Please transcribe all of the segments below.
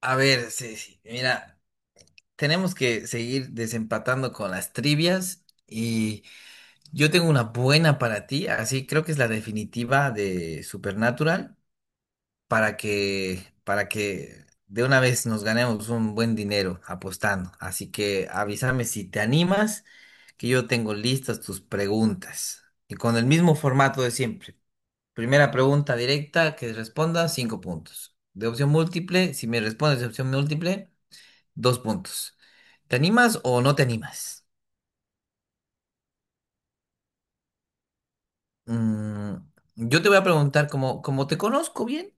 A ver, sí, sí, mira, tenemos que seguir desempatando con las trivias y yo tengo una buena para ti, así creo que es la definitiva de Supernatural para que de una vez nos ganemos un buen dinero apostando. Así que avísame si te animas, que yo tengo listas tus preguntas y con el mismo formato de siempre. Primera pregunta directa que responda, 5 puntos. De opción múltiple, si me respondes de opción múltiple. 2 puntos. ¿Te animas o no te animas? Mm, yo te voy a preguntar, como te conozco bien,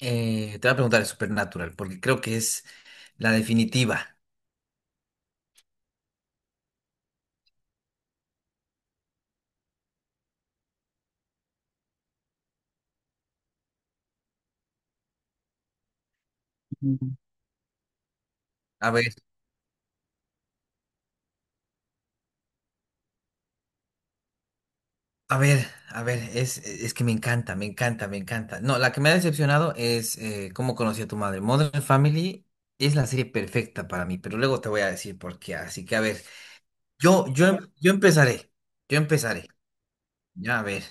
te voy a preguntar de Supernatural, porque creo que es la definitiva. Mm. A ver, a ver, a ver, es que me encanta, me encanta, me encanta. No, la que me ha decepcionado es cómo conocí a tu madre. Modern Family es la serie perfecta para mí, pero luego te voy a decir por qué. Así que, a ver, yo empezaré, yo empezaré. Ya,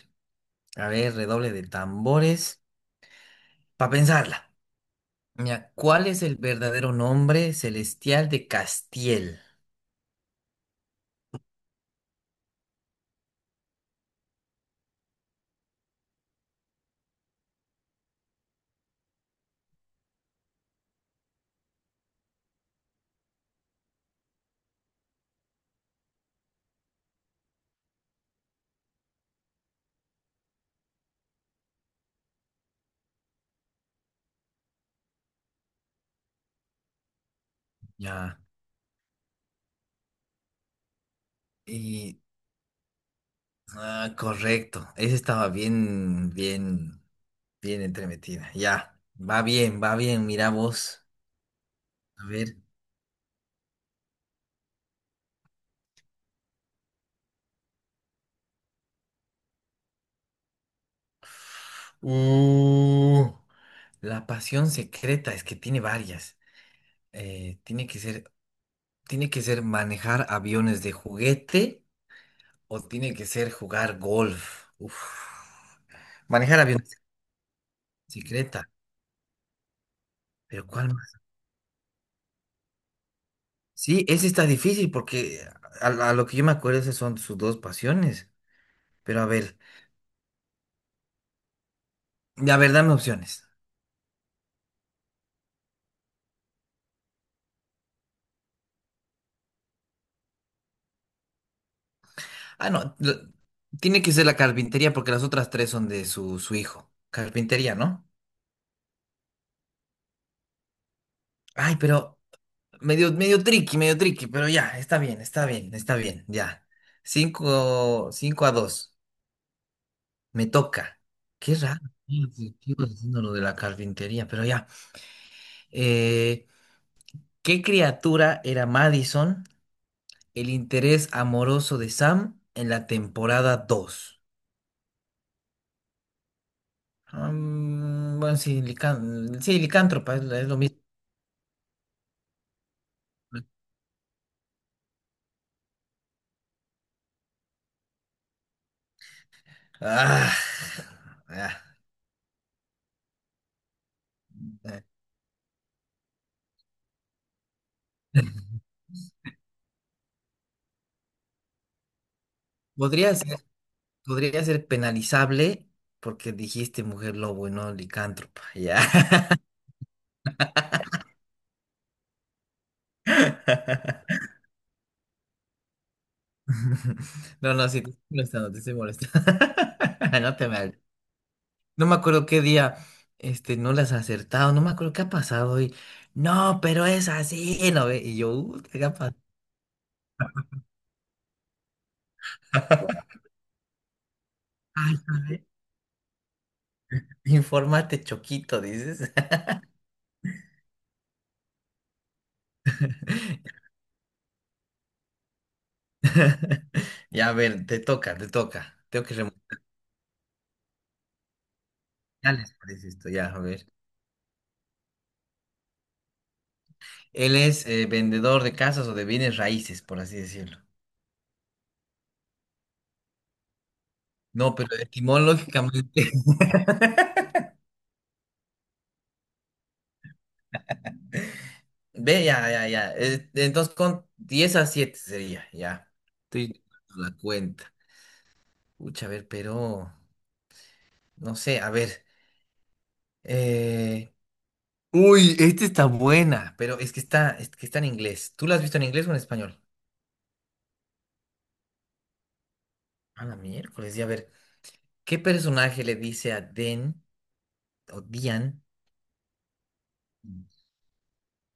a ver, redoble de tambores. Para pensarla. Mira, ¿cuál es el verdadero nombre celestial de Castiel? Ya. Y. Ah, correcto. Esa estaba bien, bien, bien entremetida. Ya. Va bien, va bien. Mira vos. A ver. Uh, la pasión secreta es que tiene varias. Eh, tiene que ser, tiene que ser manejar aviones de juguete o tiene que ser jugar golf. Uf. Manejar aviones secreta. Pero ¿cuál más? Sí, ese está difícil porque a lo que yo me acuerdo esas son sus dos pasiones. Pero a ver, dame opciones. Ah, no, lo- tiene que ser la carpintería porque las otras tres son de su hijo. Carpintería, ¿no? Ay, pero medio, medio tricky, pero ya, está bien, está bien, está bien, ya. Cinco, 5-2. Me toca. Qué raro. Sí, sí, sigo haciendo lo de la carpintería, pero ya. Eh, ¿Qué criatura era Madison? El interés amoroso de Sam en la temporada 2. Mm, bueno, sí, sí, licántropa, es lo mismo. Ah, ah, ah. Podría ser, podría ser penalizable porque dijiste mujer lobo y no licántropa, ya. No, no, sí, te estoy molestando, te estoy molestando. No te me. No me acuerdo qué día, este, no las has acertado, no me acuerdo qué ha pasado y, no, pero es así, ¿no ve? Y yo, ¿qué ha pasado?" Ay, ¿sabe? Infórmate, Choquito, dices. Ya, a ver, te toca, te toca. Tengo que remontarles, parece esto, ya, a ver. Él es vendedor de casas o de bienes raíces, por así decirlo. No, pero etimológicamente. Ve, ya, ya, ya. Entonces, con 10-7 sería, ya. Estoy dando la cuenta. Pucha, a ver, pero no sé, a ver. eh, Uy, esta está buena, pero es que está en inglés. ¿Tú la has visto en inglés o en español? A la miércoles, y a ver, ¿qué personaje le dice a Den o Dian?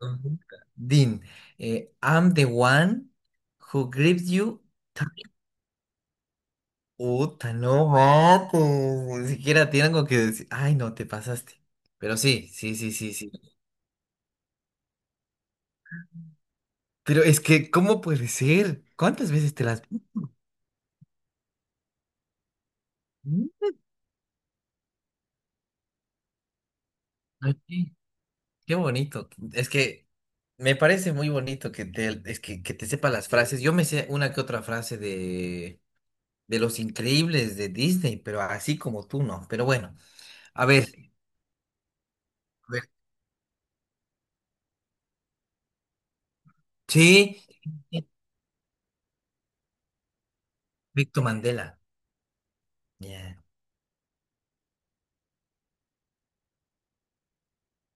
Ujú. Dean, I'm the one who grips you. Puta, no mates. Ni siquiera tiene algo que decir. Ay, no, te pasaste. Pero sí, sí, sí, sí, sí. Pero es que, ¿cómo puede ser? ¿Cuántas veces te vi? Ay, qué qué bonito. Es que me parece muy bonito que te, que te sepa las frases. Yo me sé una que otra frase de Los Increíbles de Disney, pero así como tú no. Pero bueno, a ver. A ver. Sí, Víctor Mandela. Ya.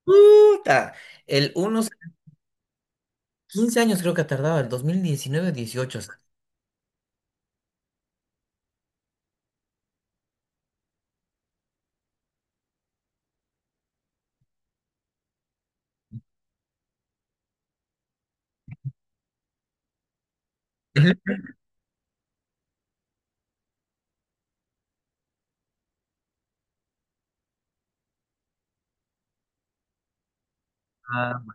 Puta. El unos 15 años creo que ha tardado, el 2019 o sea. Ujú. Ah,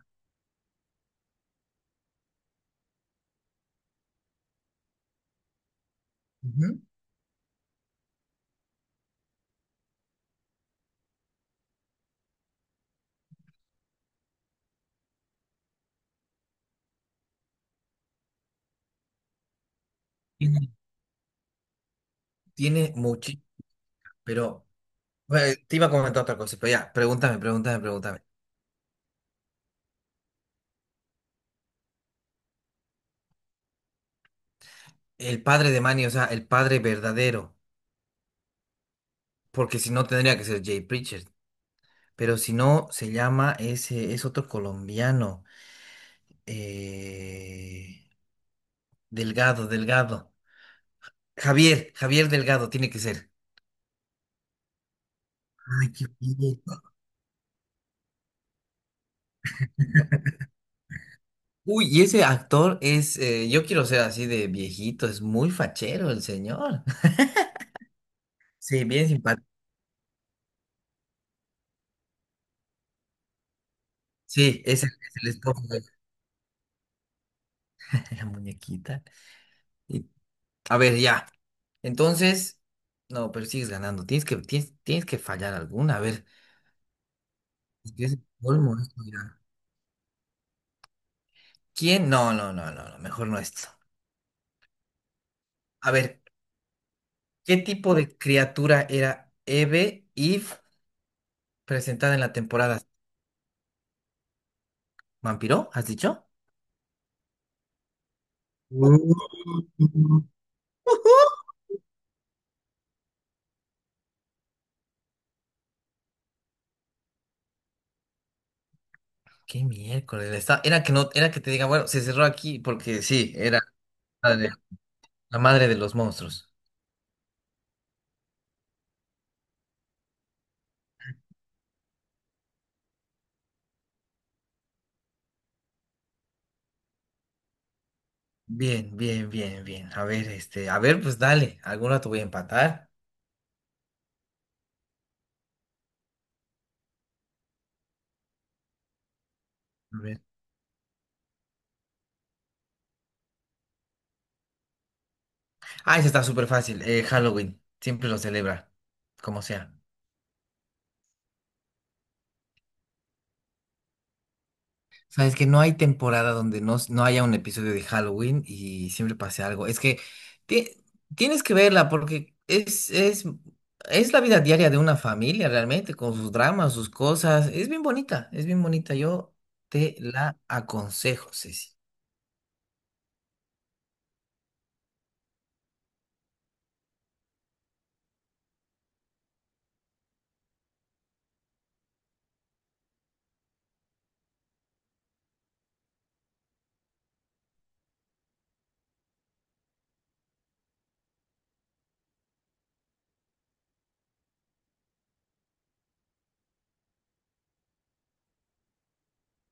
ujú. Tiene mucho, pero bueno, te iba a comentar otra cosa, pero ya, pregúntame, pregúntame, pregúntame. El padre de Manny, o sea, el padre verdadero, porque si no tendría que ser Jay Pritchard. Pero si no, se llama ese, es otro colombiano. eh, Delgado, Delgado. Javier Delgado tiene que ser. Ay, qué bien. Uy, y ese actor es, yo quiero ser así de viejito, es muy fachero el señor. Sí, bien simpático. Sí, es el esposo de la muñequita. Y. A ver, ya. Entonces, no, pero sigues ganando. Tienes que fallar alguna. A ver, es que es el colmo esto, mira. ¿Quién? No, no, no, no, no, mejor no esto. A ver, ¿qué tipo de criatura era Eve, presentada en la temporada? ¿Vampiro? ¿Has dicho? Mm. ¿Qué miércoles? Está- Era que no, era que te diga, bueno, se cerró aquí porque sí, la de- la madre de los monstruos. Bien, bien, bien, bien. A ver, este, a ver, pues dale, alguna te voy a empatar. Ah, ese está súper fácil. Halloween. Siempre lo celebra, como sea. Sabes que no hay temporada donde no, no haya un episodio de Halloween y siempre pase algo. Es que ti- tienes que verla porque es la vida diaria de una familia realmente, con sus dramas, sus cosas. Es bien bonita, es bien bonita. Yo te la aconsejo, Ceci.